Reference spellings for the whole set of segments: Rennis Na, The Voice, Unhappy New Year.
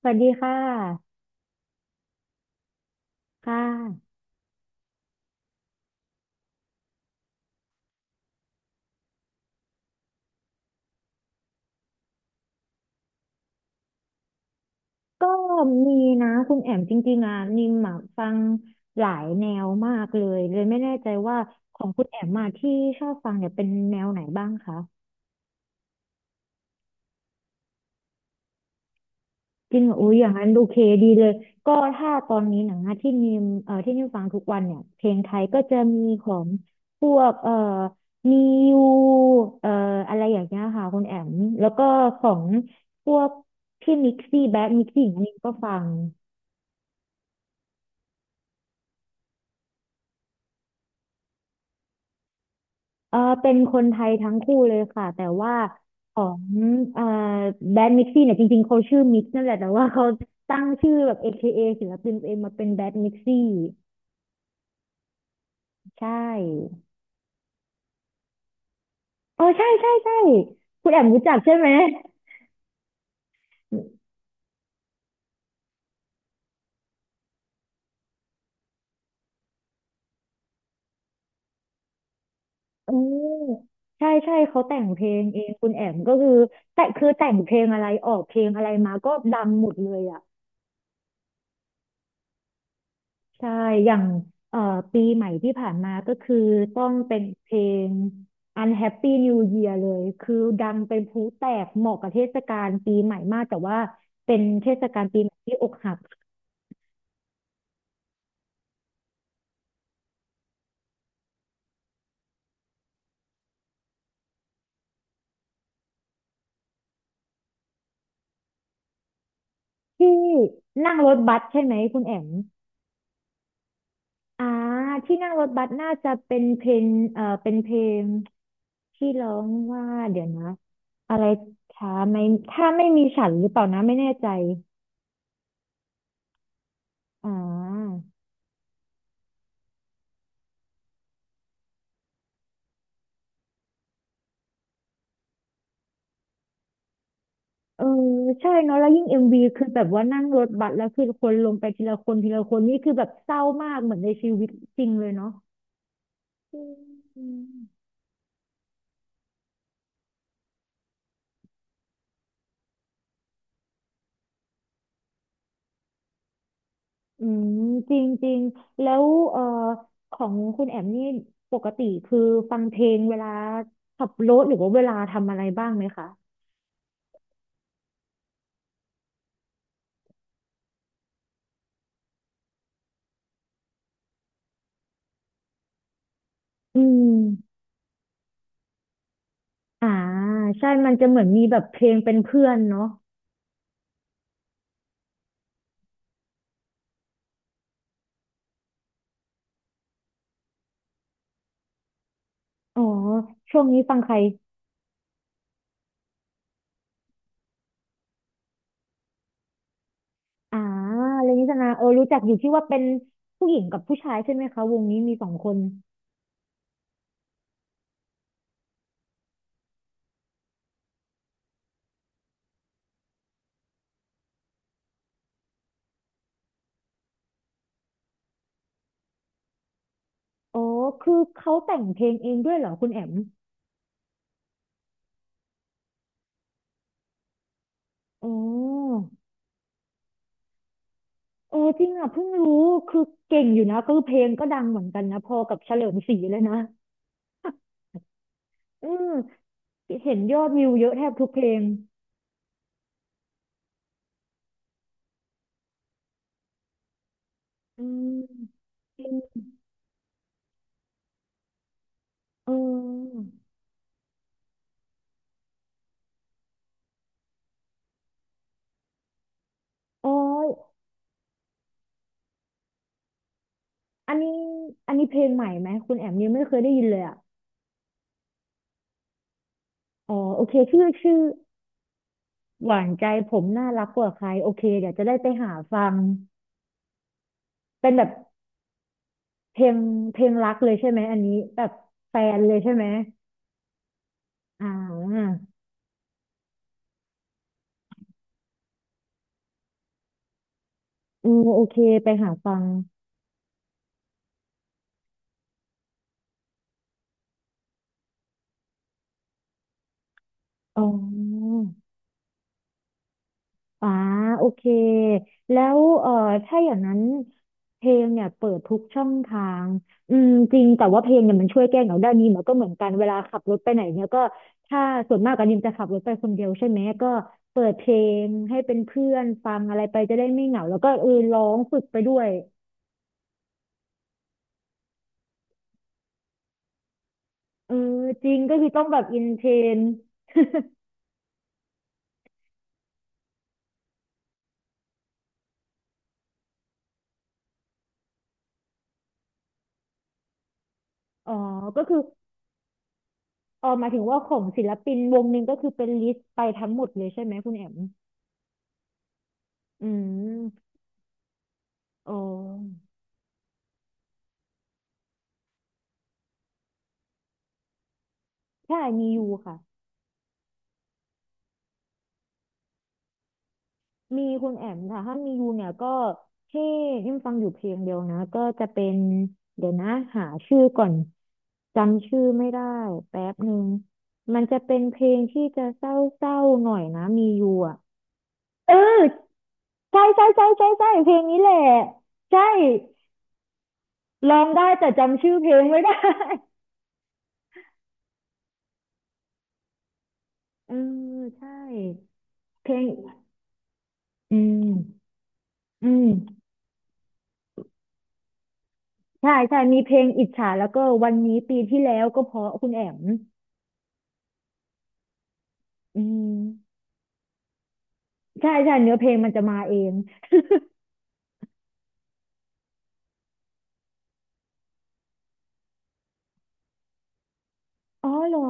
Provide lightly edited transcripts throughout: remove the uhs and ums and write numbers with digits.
สวัสดีค่ะค่ะก็มีนะคุณแอมจริงๆอ่ะนิมอะฟังหลายแนวมากเลยเลยไม่แน่ใจว่าของคุณแอมมาที่ชอบฟังเนี่ยเป็นแนวไหนบ้างคะจริงเหรออุ้ยอย่างนั้นโอเคดีเลยก็ถ้าตอนนี้หนังอะที่นิมที่นิมฟังทุกวันเนี่ยเพลงไทยก็จะมีของพวกมิวเอ่ออะไรอย่างเงี้ยค่ะคุณแอมแล้วก็ของพวกพี่มิกซี่แบ็คมิกซี่อย่างนี้ก็ฟัง เออเป็นคนไทยทั้งคู่เลยค่ะแต่ว่าของเอ่อแบรนด์มิกซี่เนี่ยจริงๆเขาชื่อมิกนั่นแหละแต่ว่าเขาตั้งชื่อแบบ AKA ศิลปินตัวเองมาเป็นแบรนด์มิกซี่ใช่เออใช่ใช่ใช่คุณแอมรู้จักใช่ไหมอืมใช่ใช่เขาแต่งเพลงเองคุณแอมก็คือแต่งเพลงอะไรออกเพลงอะไรมาก็ดังหมดเลยอ่ะ ใช่ อย่างเอ่อปีใหม่ที่ผ่านมาก็คือต้องเป็นเพลง Unhappy New Year เลย คือดังเป็นพลุแตกเหมาะกับเทศกาลปีใหม่มาก แต่ว่าเป็นเทศกาลปีใหม่ที่อกหักที่นั่งรถบัสใช่ไหมคุณแอมอ่าที่นั่งรถบัสน่าจะเป็นเพลงเป็นเพลงที่ร้องว่า เดี๋ยวนะ อะไรถ้าไม่ถ้าไม่มีฉันหรือเปล่านะไม่แน่ใจอ่า เออใช่เนาะแล้วยิ่งเอ็มวีคือแบบว่านั่งรถบัสแล้วคือคนลงไปทีละคนทีละคนนี่คือแบบเศร้ามากเหมือนในชีวิตจริงเลยเนาะอืมอืมจริงจริงแล้วเอ่อของคุณแอมนี่ปกติคือฟังเพลงเวลาขับรถหรือว่าเวลาทำอะไรบ้างไหมคะอืมอ่าใช่มันจะเหมือนมีแบบเพลงเป็นเพื่อนเนาะอ๋อช่วงนี้ฟังใคร อ่าเรนนิสนาเออรู้จักอยู่ที่ว่าเป็นผู้หญิงกับผู้ชายใช่ไหมคะวงนี้มีสองคนอ๋อคือเขาแต่งเพลงเองด้วยเหรอคุณแอมอ๋อเออจริงอ่ะเพิ่งรู้คือเก่งอยู่นะคือเพลงก็ดังเหมือนกันนะพอกับเฉลิมศรีเลยนะ อืมเห็นยอดวิวเยอะแทบทุกเพลงอืมจริงเอออ๋ออันนี้อันนี้เพลงใหม่ไหมคุณแอมยังไม่เคยได้ยินเลยอ่ะอ๋อโอเคชื่อ หวานใจผมน่ารักกว่าใครโอเคเดี๋ยวจะได้ไปหาฟังเป็นแบบเพลงเพลงรักเลยใช่ไหมอันนี้แบบแฟนเลยใช่ไหมอ่าอือโอเคไปหาฟังอ๋อ อ่าโอเคแล้วถ้าอย่างนั้นเพลงเนี่ยเปิดทุกช่องทางอืมจริงแต่ว่าเพลงเนี่ยมันช่วยแก้เหงาได้นี่มันก็เหมือนกันเวลาขับรถไปไหนเนี่ยก็ถ้าส่วนมากอันนี้จะขับรถไปคนเดียวใช่ไหมก็เปิดเพลงให้เป็นเพื่อนฟังอะไรไปจะได้ไม่เหงาแล้วก็เออร้องฝึกไปด้วยเออจริงก็คือต้องแบบอินเทรนอ๋อก็คือเออหมายถึงว่าของศิลปินวงหนึ่งก็คือเป็นลิสต์ไปทั้งหมดเลยใช่ไหมคุณแอมอืมอ๋อ ใช่มียูค่ะมีคุณแอมค่ะถ้ามียูเนี่ยก็ที่ยังฟังอยู่เพลงเดียวนะก็จะเป็นเดี๋ยวนะหาชื่อก่อนจำชื่อไม่ได้แป๊บหนึ่งมันจะเป็นเพลงที่จะเศร้าๆหน่อยนะมียูอ่ะเออใช่ใช่ใช่ใช่ใช่เพลงนี้แหละใช่ร้องได้แต่จำชื่อเพลงไม่ได้เออใช่เพลงอืมอืม ใช่ใช่มีเพลงอิจฉาแล้วก็วันนี้ปีที่แล้วก็เพราะคุณแอมอืมใช่ใช่เนื้อเพลงมันจะมาเองอ๋อเหรอ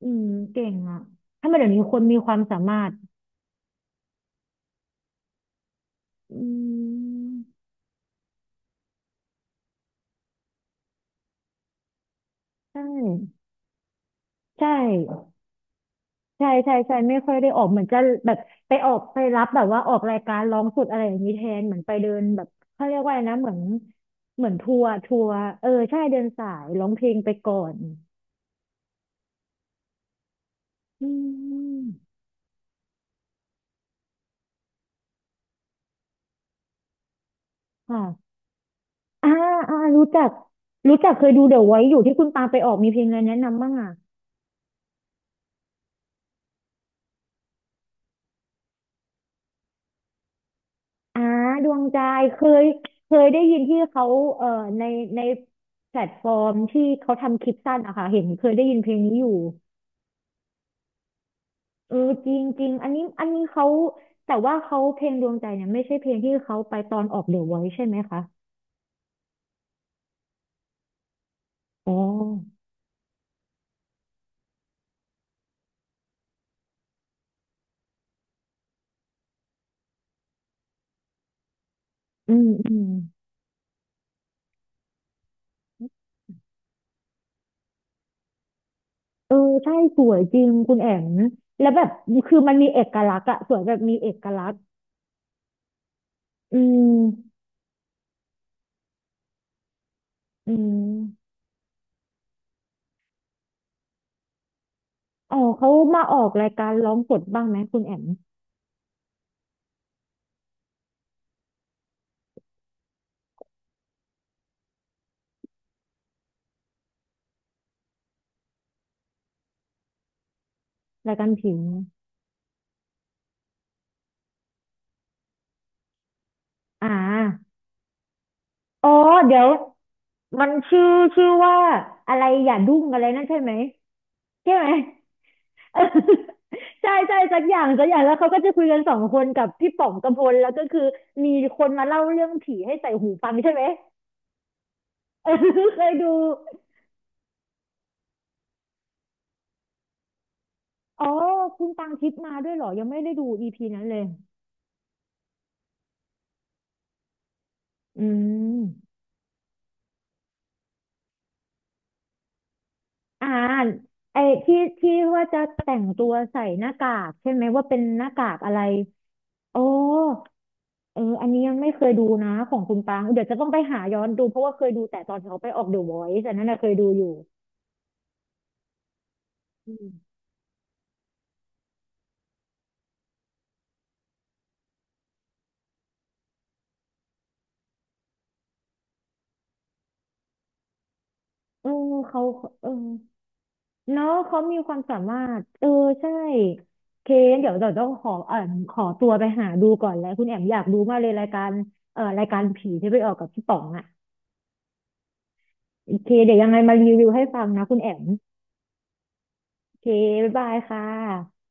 อืมเก่งอ่ะถ้ามาเดี๋ยวนี้คนมีความสามารถอืมใช่ใช่ใช่ใช่ใช่ไม่ค่อยได้ออกเหมือนจะแบบไปออกไปรับแบบว่าออกรายการร้องสดอะไรอย่างนี้แทนเหมือนไปเดินแบบเขาเรียกว่าอะไรนะเหมือนทัวร์เออใช่เดินสายร้องเพลงไปก่อนอืมค่ะ อ่าอ่ารู้จักรู้จักเคยดูเดี๋ยวไว้อยู่ที่คุณปาไปออกมีเพลงอะไรแนะนำบ้างอ่ะอ่าดวงใจเคยเคยได้ยินที่เขาเอ่อในในแพลตฟอร์มที่เขาทำคลิปสั้นอะค่ะเห็นเคยได้ยินเพลงนี้อยู่เออจริงจริงอันนี้อันนี้เขา แต่ว่าเขาเพลงดวงใจเนี่ยไม่ใช่เพลงที่เขาไปตอนออกเดี๋ยวไว้ใช่ไหมคะอ๋ออืมอืมเออใช่สวยจริงคุณแอมแล้วแบบคือมันมีเอกลักษณ์อะสวยแบบมีเอกลักษณ์อืมอืม อ๋อเขามาออกรายการร้องสดบ้างไหมคุณแอมรายการผีอ่าอ๋อเดี๋ยวมันชื่อว่าอะไรอย่าดุ้งอะไรนั่นใช่ไหมใช่ไหมเออ ใช่ใช่สักอย่างสักอย่างแล้วเขาก็จะคุยกันสองคนกับพี่ป๋องกำพลแล้วก็คือมีคนมาเล่าเรื่องผีให้ใส่หูฟังใช่ไหมเออ เคยดูอ๋อคุณตังทิพย์มาด้วยเหรอยังไม่ได้ดูอีพีนั้นเลยอืม อ่าไอ้ที่ว่าจะแต่งตัวใส่หน้ากากใช่ไหมว่าเป็นหน้ากากอะไรโอ้เอออันนี้ยังไม่เคยดูนะของคุณปางเดี๋ยวจะต้องไปหาย้อนดูเพราะว่าเคยดูแต่ตอนเขาไปออกเดอะวอยซ์อันนั้นนะเคยดูอยู่อืมเออเขาเออเนาะเขามีความสามารถเออใช่เคนเดี๋ยวเราต้องขอขอตัวไปหาดูก่อนแล้วคุณแอมอยากดูมากเลยรายการรายการผีที่ไปออกกับพี่ป๋องอ่ะโอเคเดี๋ยวยังไงมารีวิวให้ฟังนะคุณแอม โอเค บ๊ายบายค่ะ